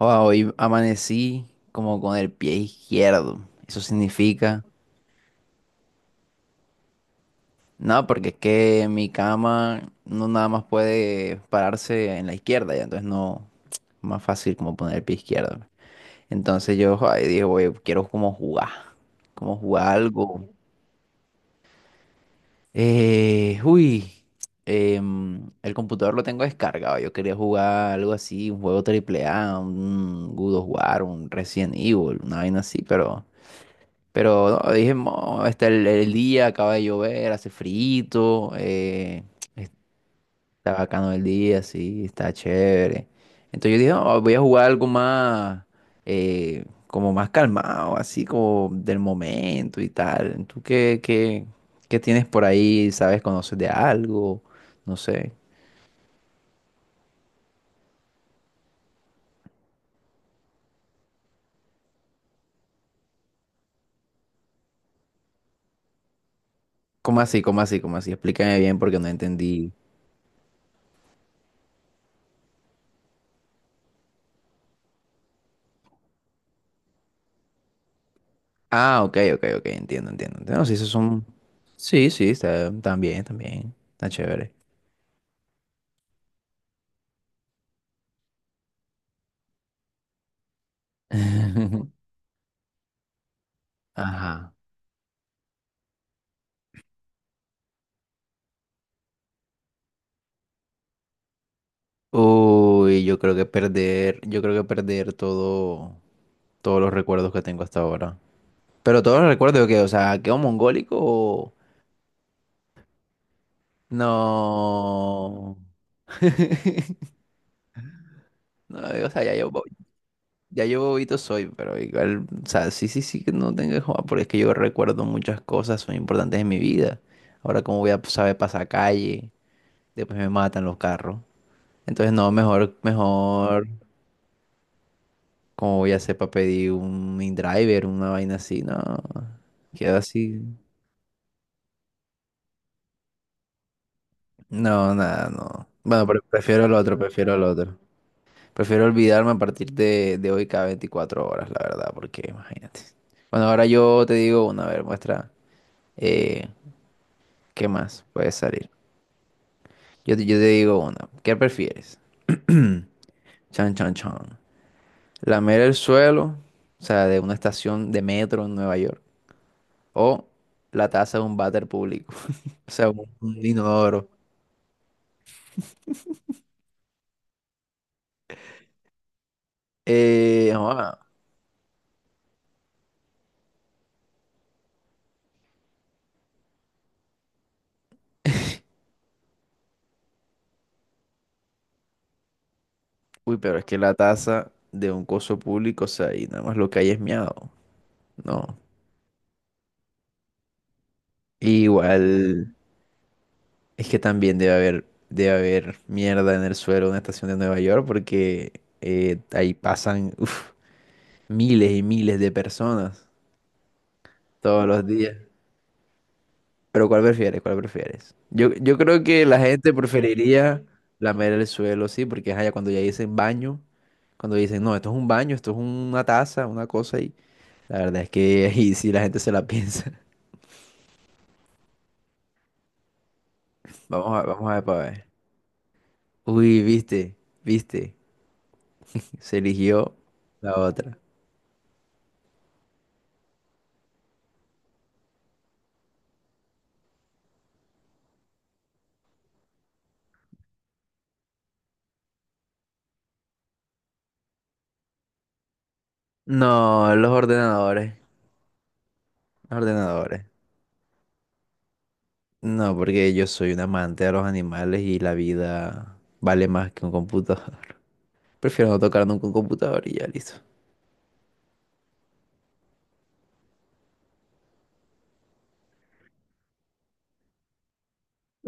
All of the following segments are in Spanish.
Wow, hoy amanecí como con el pie izquierdo. Eso significa, no, porque es que mi cama no nada más puede pararse en la izquierda, ya entonces no más fácil como poner el pie izquierdo. Entonces yo ay, dije, oye, quiero como jugar algo. Uy, el computador lo tengo descargado. Yo quería jugar algo así, un juego triple A, un God of War, un Resident Evil, una vaina así, pero. Pero no, dije, "Mo, está el día, acaba de llover, hace frío, está bacano el día, sí, está chévere. Entonces yo dije, "No, voy a jugar algo más, como más calmado, así como del momento y tal. ¿Tú qué tienes por ahí? ¿Sabes? ¿Conoces de algo? No sé. ¿Cómo así? ¿Cómo así? ¿Cómo así? Explícame bien porque no entendí. Ah, ok, ok, ok, entiendo, entiendo, entiendo. Sí, esos son... Sí, sí, está, también, también. Está chévere. Ajá. Uy, yo creo que perder, yo creo que perder todo, todos los recuerdos que tengo hasta ahora. Pero todos los recuerdos que, o sea, quedo mongólico o... No. No, o sea, ya yo bobito soy, pero igual, o sea, sí, sí, sí que no tengo que jugar, porque es que yo recuerdo muchas cosas, son importantes en mi vida. Ahora, como voy a saber pasar calle, después me matan los carros. Entonces, no, mejor, mejor. ¿Cómo voy a hacer para pedir un InDriver, una vaina así? No, quedo así. No, nada, no. Bueno, pero prefiero el otro, prefiero el otro. Prefiero olvidarme a partir de hoy cada 24 horas, la verdad, porque imagínate. Bueno, ahora yo te digo una, a ver, muestra eh, qué más puede salir. Yo te digo una, ¿qué prefieres? Chan, chan, chan. Lamer el suelo, o sea, de una estación de metro en Nueva York. O la taza de un váter público. O sea, un inodoro. Joda. Uy, pero es que la taza de un coso público, o sea, y nada más lo que hay es miado. No. Igual, es que también debe haber mierda en el suelo de una estación de Nueva York porque ahí pasan uf, miles y miles de personas todos los días. Pero ¿cuál prefieres? ¿Cuál prefieres? Yo creo que la gente preferiría lamer el suelo, sí, porque ajá, ya cuando ya dicen baño, cuando dicen, no, esto es un baño, esto es una taza, una cosa, y la verdad es que ahí sí la gente se la piensa. Vamos a ver para ver. Uy, viste, viste, se eligió la otra. No, los ordenadores, los ordenadores. No, porque yo soy un amante de los animales y la vida vale más que un computador. Prefiero no tocar nunca un computador y ya listo.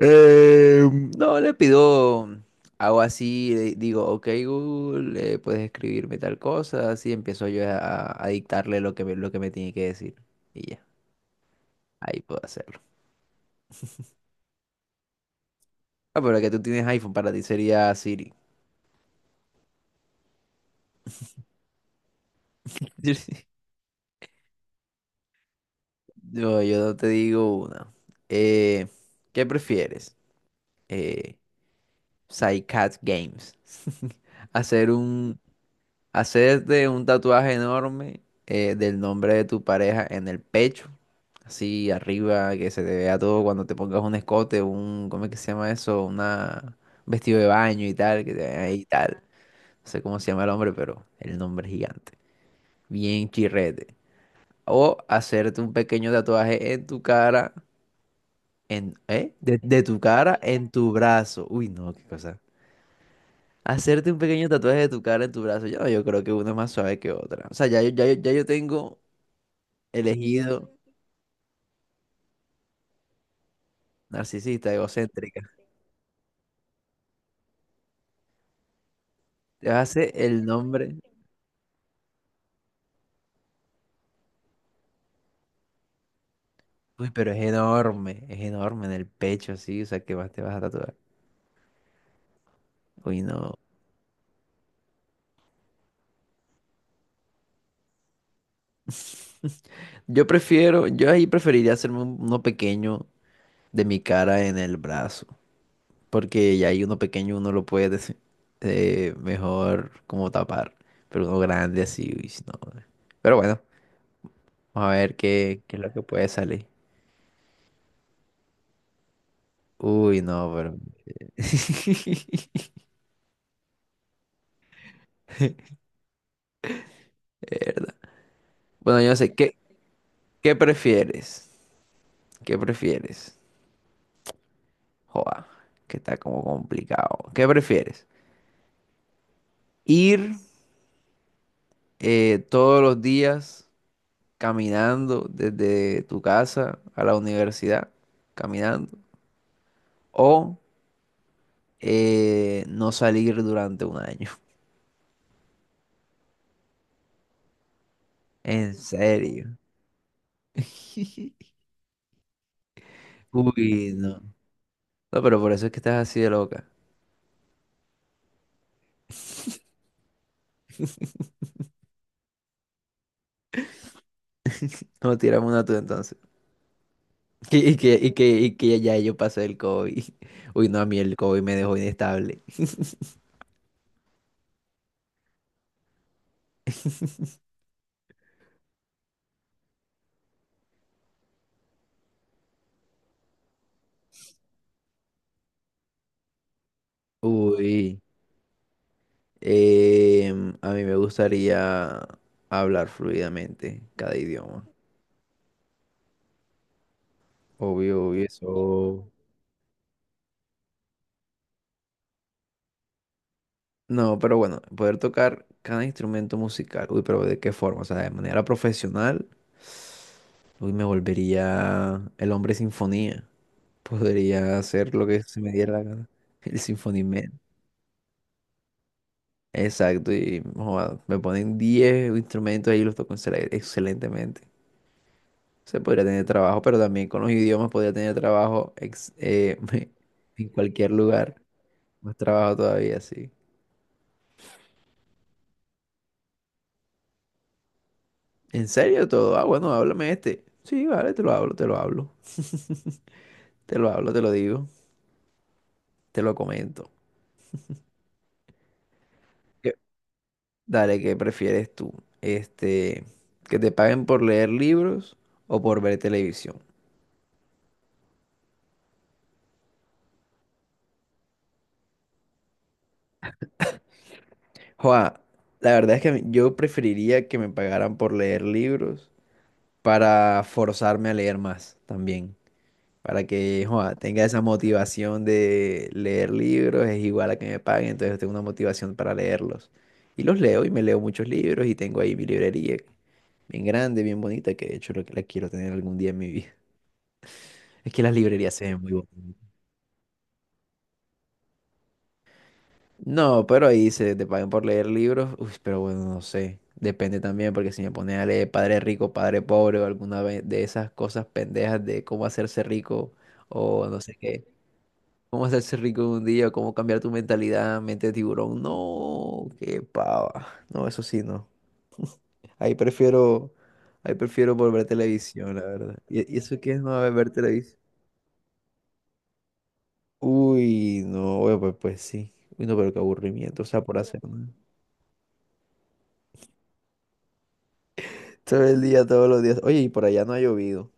Eh, no, le pido algo así, le digo, ok Google, puedes escribirme tal cosa, así empiezo yo a dictarle lo que me tiene que decir. Y ya, ahí puedo hacerlo. Ah, pero que tú tienes iPhone, para ti sería Siri. No, yo no te digo una. Eh, ¿Qué prefieres? Eh, Psycat Games. Hacer un, hacerte un tatuaje enorme del nombre de tu pareja en el pecho, así arriba, que se te vea todo cuando te pongas un escote, un, ¿cómo es que se llama eso? Una un vestido de baño y tal, que te vean ahí y tal. No sé cómo se llama el hombre, pero el nombre es gigante. Bien chirrete. O hacerte un pequeño tatuaje en tu cara, de tu cara en tu brazo. Uy, no, qué cosa. Hacerte un pequeño tatuaje de tu cara en tu brazo, yo creo que una es más suave que otra. O sea, ya yo tengo elegido narcisista, egocéntrica. Te vas a hacer el nombre. Uy, pero es enorme en el pecho, sí. O sea, ¿qué más te vas a tatuar? Uy, no. Yo prefiero, yo ahí preferiría hacerme uno pequeño de mi cara en el brazo. Porque ya ahí uno pequeño uno lo puede mejor como tapar. Pero uno grande así, uy, no. Pero bueno. A ver qué es lo que puede salir. Uy, no, pero. Verdad. Bueno, yo no sé, ¿qué prefieres? ¿Qué prefieres? Joa, que está como complicado. ¿Qué prefieres? ¿Ir todos los días caminando desde tu casa a la universidad? Caminando. ¿O no salir durante un año? ¿En serio? Uy, no. No, pero por eso es que estás así de loca. No, tiramos una tú entonces. Y que ya yo pasé el COVID. Uy, no, a mí el COVID me dejó inestable. Uy, a mí me gustaría hablar fluidamente cada idioma. Obvio, obvio, eso. No, pero bueno, poder tocar cada instrumento musical. Uy, pero ¿de qué forma? O sea, de manera profesional. Uy, me volvería el hombre sinfonía. Podría hacer lo que se me diera la gana. El sinfonía. Exacto, y joda, me ponen 10 instrumentos ahí y los toco excelentemente. Se podría tener trabajo, pero también con los idiomas podría tener trabajo en cualquier lugar. Más trabajo todavía, sí. ¿En serio todo? Ah, bueno, háblame este. Sí, vale, te lo hablo, te lo hablo. Te lo hablo, te lo digo, te lo comento. ¿Qué? Dale, ¿qué prefieres tú? Este, ¿que te paguen por leer libros o por ver televisión? Joa, la verdad es que yo preferiría que me pagaran por leer libros para forzarme a leer más también. Para que, joa, tenga esa motivación de leer libros, es igual a que me paguen, entonces tengo una motivación para leerlos. Y los leo y me leo muchos libros y tengo ahí mi librería, bien grande, bien bonita, que de hecho lo que la quiero tener algún día en mi vida. Es que las librerías se ven muy bonitas. No, pero ahí se te pagan por leer libros. Uy, pero bueno, no sé. Depende también, porque si me pones a leer Padre Rico, Padre Pobre o de esas cosas pendejas de cómo hacerse rico o no sé qué, cómo hacerse rico en un día, o cómo cambiar tu mentalidad, mente de tiburón. No, qué pava. No, eso sí, no. Ahí prefiero, ahí prefiero volver a televisión, la verdad. ¿Y eso qué es no ver televisión? Uy, no, bueno, pues sí. Uy, no, pero qué aburrimiento, o sea, por hacer. ¿No? Todo el día, todos los días. Oye, y por allá no ha llovido.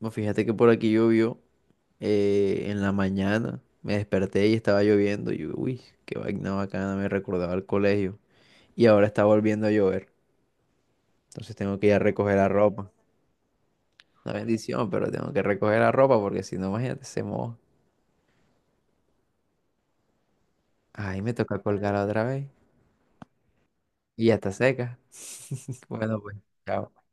No, fíjate que por aquí llovió en la mañana. Me desperté y estaba lloviendo. Y yo, uy, qué vaina bacana, me recordaba al colegio. Y ahora está volviendo a llover. Entonces tengo que ir a recoger la ropa. Una bendición, pero tengo que recoger la ropa porque si no, imagínate, se moja. Ay, me toca colgarla otra vez. Y ya está seca. Bueno, pues. Chao.